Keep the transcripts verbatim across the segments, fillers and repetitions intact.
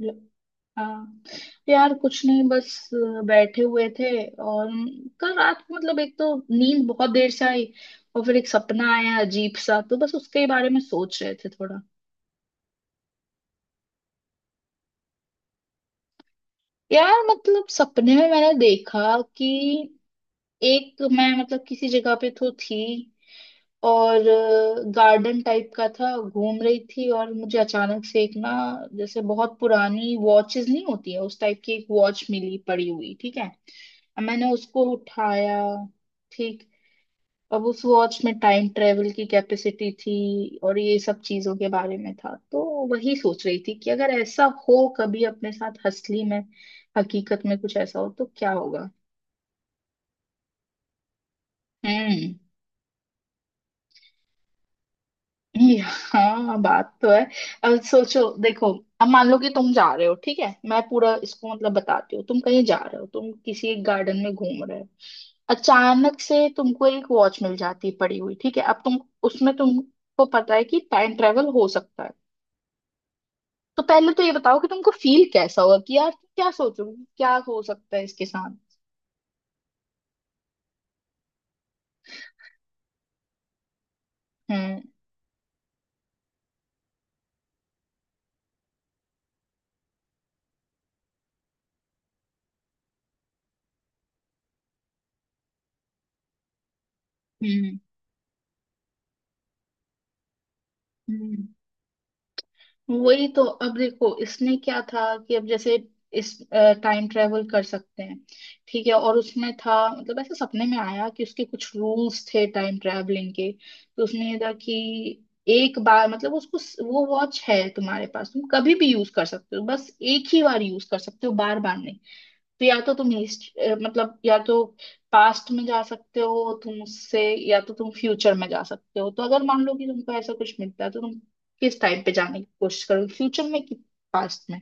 ल- हाँ तो यार कुछ नहीं, बस बैठे हुए थे। और कल रात को मतलब, एक तो नींद बहुत देर से आई और फिर एक सपना आया अजीब सा, तो बस उसके बारे में सोच रहे थे थोड़ा। यार मतलब सपने में मैंने देखा कि एक मैं मतलब किसी जगह पे तो थी, और गार्डन टाइप का था, घूम रही थी और मुझे अचानक से एक ना, जैसे बहुत पुरानी वॉचेस नहीं होती है उस टाइप की, एक वॉच मिली पड़ी हुई, ठीक है। मैंने उसको उठाया, ठीक। अब उस वॉच में टाइम ट्रेवल की कैपेसिटी थी और ये सब चीजों के बारे में था। तो वही सोच रही थी कि अगर ऐसा हो कभी अपने साथ असली में, हकीकत में कुछ ऐसा हो तो क्या होगा। हम्म। हाँ बात तो है। अब सोचो देखो, अब मान लो कि तुम जा रहे हो, ठीक है मैं पूरा इसको मतलब बताती हूँ। तुम कहीं जा रहे हो, तुम किसी एक गार्डन में घूम रहे हो, अचानक से तुमको एक वॉच मिल जाती है पड़ी हुई, ठीक है। अब तुम उसमें तुमको पता है कि टाइम ट्रेवल हो सकता है। तो पहले तो ये बताओ कि तुमको फील कैसा होगा, कि यार क्या सोचोगे, क्या हो सकता है इसके साथ। हम्म हम्म हम्म। वही तो, अब देखो इसमें क्या था कि अब जैसे इस टाइम ट्रेवल कर सकते हैं, ठीक है। और उसमें था मतलब ऐसे सपने में आया कि उसके कुछ रूल्स थे टाइम ट्रैवलिंग के। तो उसमें ये था कि एक बार मतलब उसको, वो वॉच है तुम्हारे पास, तुम कभी भी यूज कर सकते हो, बस एक ही बार यूज कर सकते हो, बार बार नहीं। तो या तो तुम हिस्ट्री मतलब, या तो पास्ट में जा सकते हो तुम उससे, या तो तुम फ्यूचर में जा सकते हो। तो अगर मान लो कि तुमको ऐसा कुछ मिलता है तो तुम किस टाइम पे जाने की कोशिश करोगे, फ्यूचर में कि पास्ट में।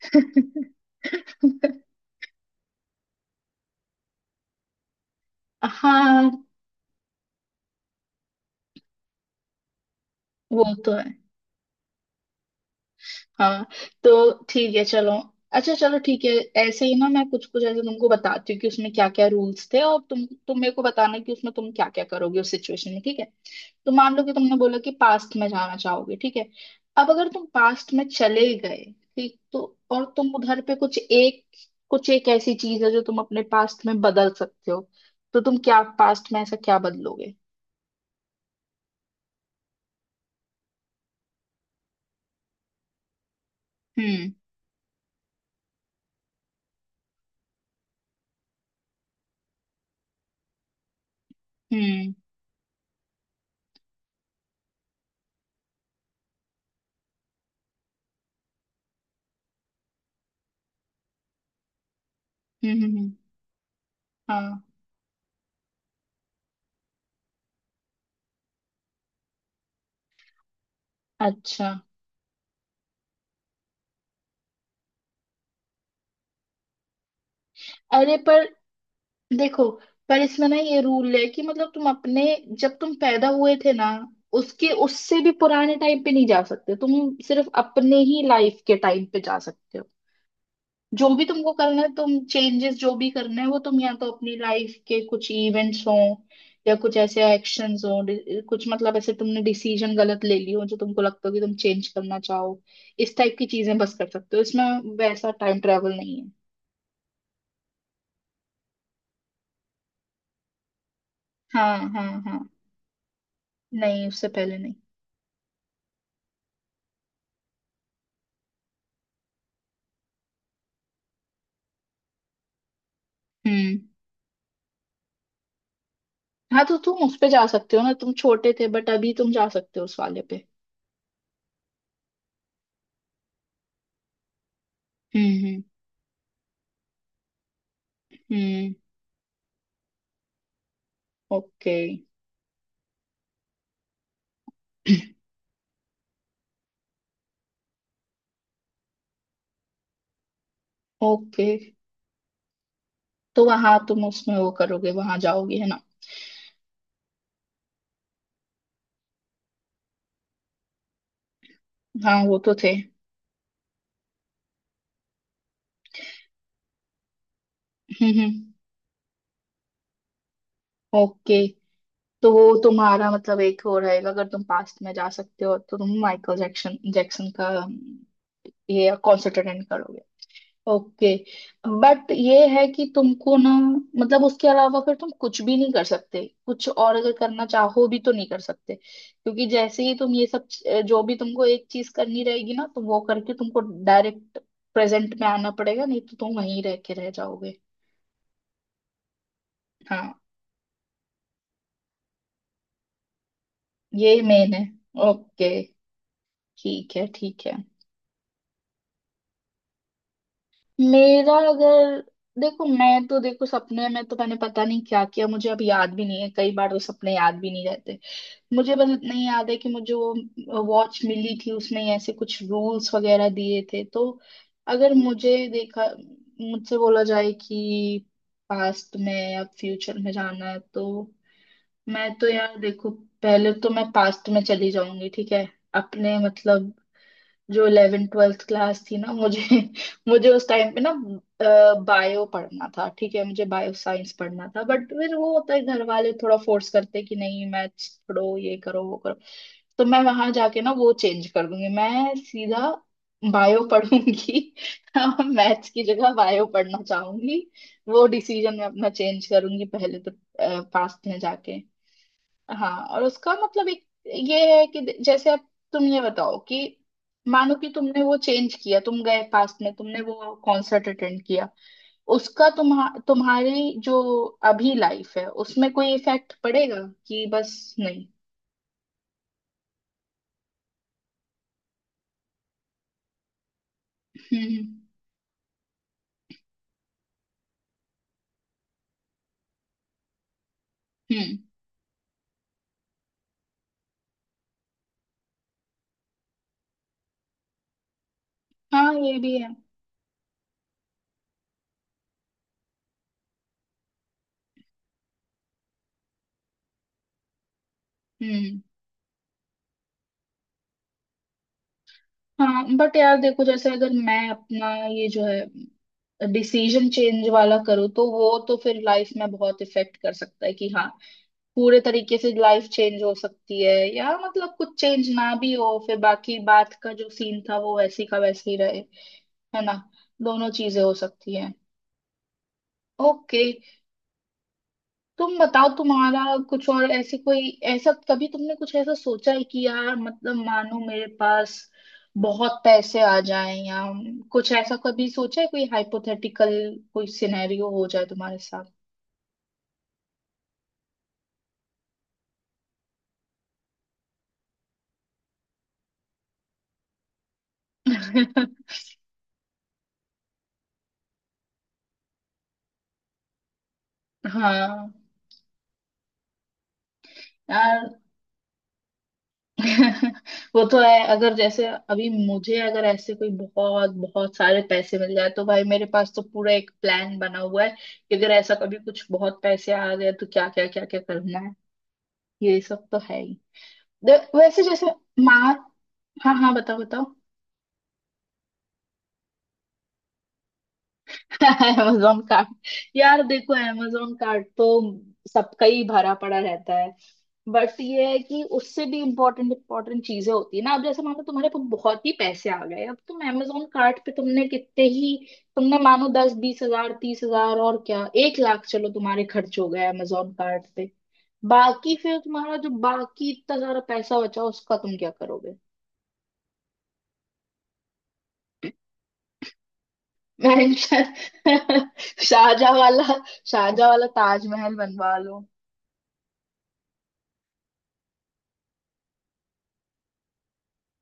हाँ वो तो है। हाँ तो ठीक है चलो, अच्छा चलो ठीक है। ऐसे ही ना मैं कुछ कुछ ऐसे तुमको बताती हूँ कि उसमें क्या क्या रूल्स थे, और तुम तुम मेरे को बताना कि उसमें तुम क्या क्या करोगे उस सिचुएशन में, ठीक है। तो मान लो कि तुमने बोला कि पास्ट में जाना चाहोगे, ठीक है। अब अगर तुम पास्ट में चले गए ठीक, तो और तुम उधर पे कुछ एक कुछ एक ऐसी चीज है जो तुम अपने पास्ट में बदल सकते हो, तो तुम क्या पास्ट में ऐसा क्या बदलोगे। हम्म हम्म हम्म हम्म हम्म, हाँ। अच्छा। अरे पर देखो, पर इसमें ना ये रूल है कि मतलब तुम अपने जब तुम पैदा हुए थे ना, उसके उससे भी पुराने टाइम पे नहीं जा सकते, तुम सिर्फ अपने ही लाइफ के टाइम पे जा सकते हो। जो भी तुमको करना है, तुम चेंजेस जो भी करना है, वो तुम या तो अपनी लाइफ के कुछ इवेंट्स हों, या कुछ ऐसे एक्शंस हों, डि- कुछ मतलब ऐसे तुमने डिसीजन गलत ले ली हो जो तुमको लगता हो कि तुम चेंज करना चाहो। इस टाइप की चीजें बस कर सकते हो, इसमें वैसा टाइम ट्रेवल नहीं है। हाँ हाँ हाँ, नहीं उससे पहले नहीं। हम्म। हाँ तो तुम उस पे जा सकते हो ना, तुम छोटे थे बट अभी तुम जा सकते हो उस वाले पे। हम्म हम्म हम्म। ओके। ओके तो वहां तुम उसमें वो करोगे, वहां जाओगे है ना। हाँ वो तो थे। हम्म हम्म। ओके तो वो तुम्हारा मतलब एक हो रहेगा, अगर तुम पास्ट में जा सकते हो तो तुम माइकल जैक्सन जैक्सन का अम, ये कॉन्सर्ट अटेंड करोगे। ओके। बट ये है कि तुमको ना, मतलब उसके अलावा फिर तुम कुछ भी नहीं कर सकते, कुछ और अगर करना चाहो भी तो नहीं कर सकते, क्योंकि जैसे ही तुम ये सब च- जो भी तुमको एक चीज करनी रहेगी ना तो वो करके तुमको डायरेक्ट प्रेजेंट में आना पड़ेगा, नहीं तो तुम वहीं रह के रह जाओगे। हाँ ये मेन है। ओके, ठीक है ठीक है। मेरा अगर, देखो मैं तो, देखो सपने में तो मैंने पता नहीं क्या किया, मुझे अब याद भी नहीं है, कई बार तो सपने याद भी नहीं रहते। मुझे बस इतना ही याद है कि मुझे वो वॉच मिली थी, उसने ऐसे कुछ रूल्स वगैरह दिए थे। तो अगर मुझे देखा, मुझसे बोला जाए कि पास्ट में या फ्यूचर में जाना है, तो मैं तो यार देखो पहले तो मैं पास्ट में चली जाऊंगी, ठीक है। अपने मतलब जो इलेवेंथ ट्वेल्थ क्लास थी ना मुझे, मुझे उस टाइम पे ना बायो पढ़ना था, ठीक है मुझे बायो साइंस पढ़ना था, बट फिर वो होता है घर वाले थोड़ा फोर्स करते कि नहीं मैथ्स पढ़ो, ये करो वो करो। तो मैं वहां जाके ना वो चेंज कर दूंगी, मैं सीधा बायो पढ़ूंगी। मैथ्स की जगह बायो पढ़ना चाहूंगी। वो डिसीजन मैं अपना चेंज करूंगी पहले तो, पास्ट में जाके। हाँ और उसका मतलब एक ये है कि द- जैसे अब तुम ये बताओ कि मानो कि तुमने वो चेंज किया, तुम गए पास्ट में, तुमने वो कॉन्सर्ट अटेंड किया, उसका तुम्हा तुम्हारी जो अभी लाइफ है उसमें कोई इफेक्ट पड़ेगा कि बस नहीं। हम्म हम्म हम्म। हाँ ये भी है। हम्म। हाँ बट यार देखो, जैसे अगर मैं अपना ये जो है डिसीजन चेंज वाला करूँ तो वो तो फिर लाइफ में बहुत इफेक्ट कर सकता है कि हाँ पूरे तरीके से लाइफ चेंज हो सकती है, या मतलब कुछ चेंज ना भी हो, फिर बाकी बात का जो सीन था वो वैसी का वैसे ही रहे। है ना, दोनों चीजें हो सकती हैं। ओके तुम बताओ, तुम्हारा कुछ और ऐसे कोई ऐसा कभी तुमने कुछ ऐसा सोचा है कि यार मतलब मानो मेरे पास बहुत पैसे आ जाएं, या कुछ ऐसा कभी सोचा है, कोई हाइपोथेटिकल कोई सिनेरियो हो जाए तुम्हारे साथ। हाँ यार। वो तो है, अगर जैसे अभी मुझे अगर ऐसे कोई बहुत बहुत सारे पैसे मिल जाए तो भाई मेरे पास तो पूरा एक प्लान बना हुआ है कि अगर ऐसा कभी कुछ बहुत पैसे आ गए तो क्या क्या क्या क्या करना है। ये सब तो है ही। दे- वैसे जैसे माँ, हाँ हाँ बताओ बताओ। Amazon card. यार देखो अमेजोन कार्ड तो सबका ही भरा पड़ा रहता, बट ये है कि उससे भी इम्पोर्टेंट इम्पोर्टेंट चीजें होती है ना। अब जैसे मानो तुम्हारे पास बहुत ही पैसे आ गए, अब तुम amazon कार्ट पे तुमने कितने ही, तुमने मानो दस बीस हज़ार तीस हज़ार और क्या एक लाख चलो तुम्हारे खर्च हो गए amazon कार्ट पे। बाकी फिर तुम्हारा जो बाकी इतना सारा पैसा बचा उसका तुम क्या करोगे। मैं शाहजहाँ वाला, शाहजहाँ वाला ताजमहल बनवा लो।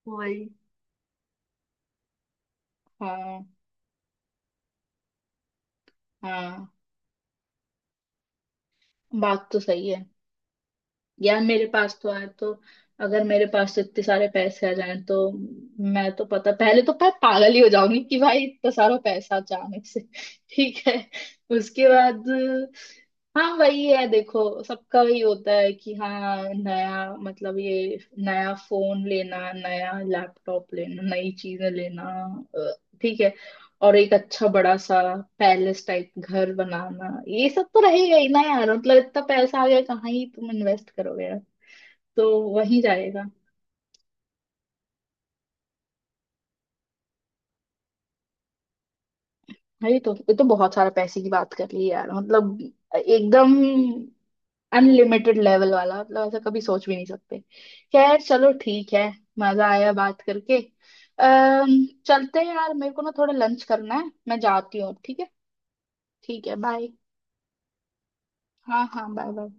वही। हाँ हाँ बात तो सही है। यार मेरे पास तो आए तो, अगर मेरे पास तो इतने सारे पैसे आ जाएं तो मैं तो पता पहले तो मैं पागल ही हो जाऊंगी कि भाई इतना सारा पैसा अचानक से। ठीक है। उसके बाद हाँ वही है, देखो सबका वही होता है कि हाँ नया मतलब ये नया फोन लेना, नया लैपटॉप लेना, नई चीजें लेना। अ, ठीक है। और एक अच्छा बड़ा सा पैलेस टाइप घर बनाना, ये सब तो रहेगा ही ना यार। मतलब इतना पैसा आ गया कहाँ ही तुम इन्वेस्ट करोगे यार, तो वहीं जाएगा। भाई तो ये तो बहुत सारा पैसे की बात कर ली यार, मतलब एकदम अनलिमिटेड लेवल वाला, मतलब ऐसा कभी सोच भी नहीं सकते। खैर चलो ठीक है, मजा आया बात करके। अम्म चलते हैं यार, मेरे को ना थोड़ा लंच करना है, मैं जाती हूँ ठीक है। ठीक है बाय। हाँ हाँ बाय बाय।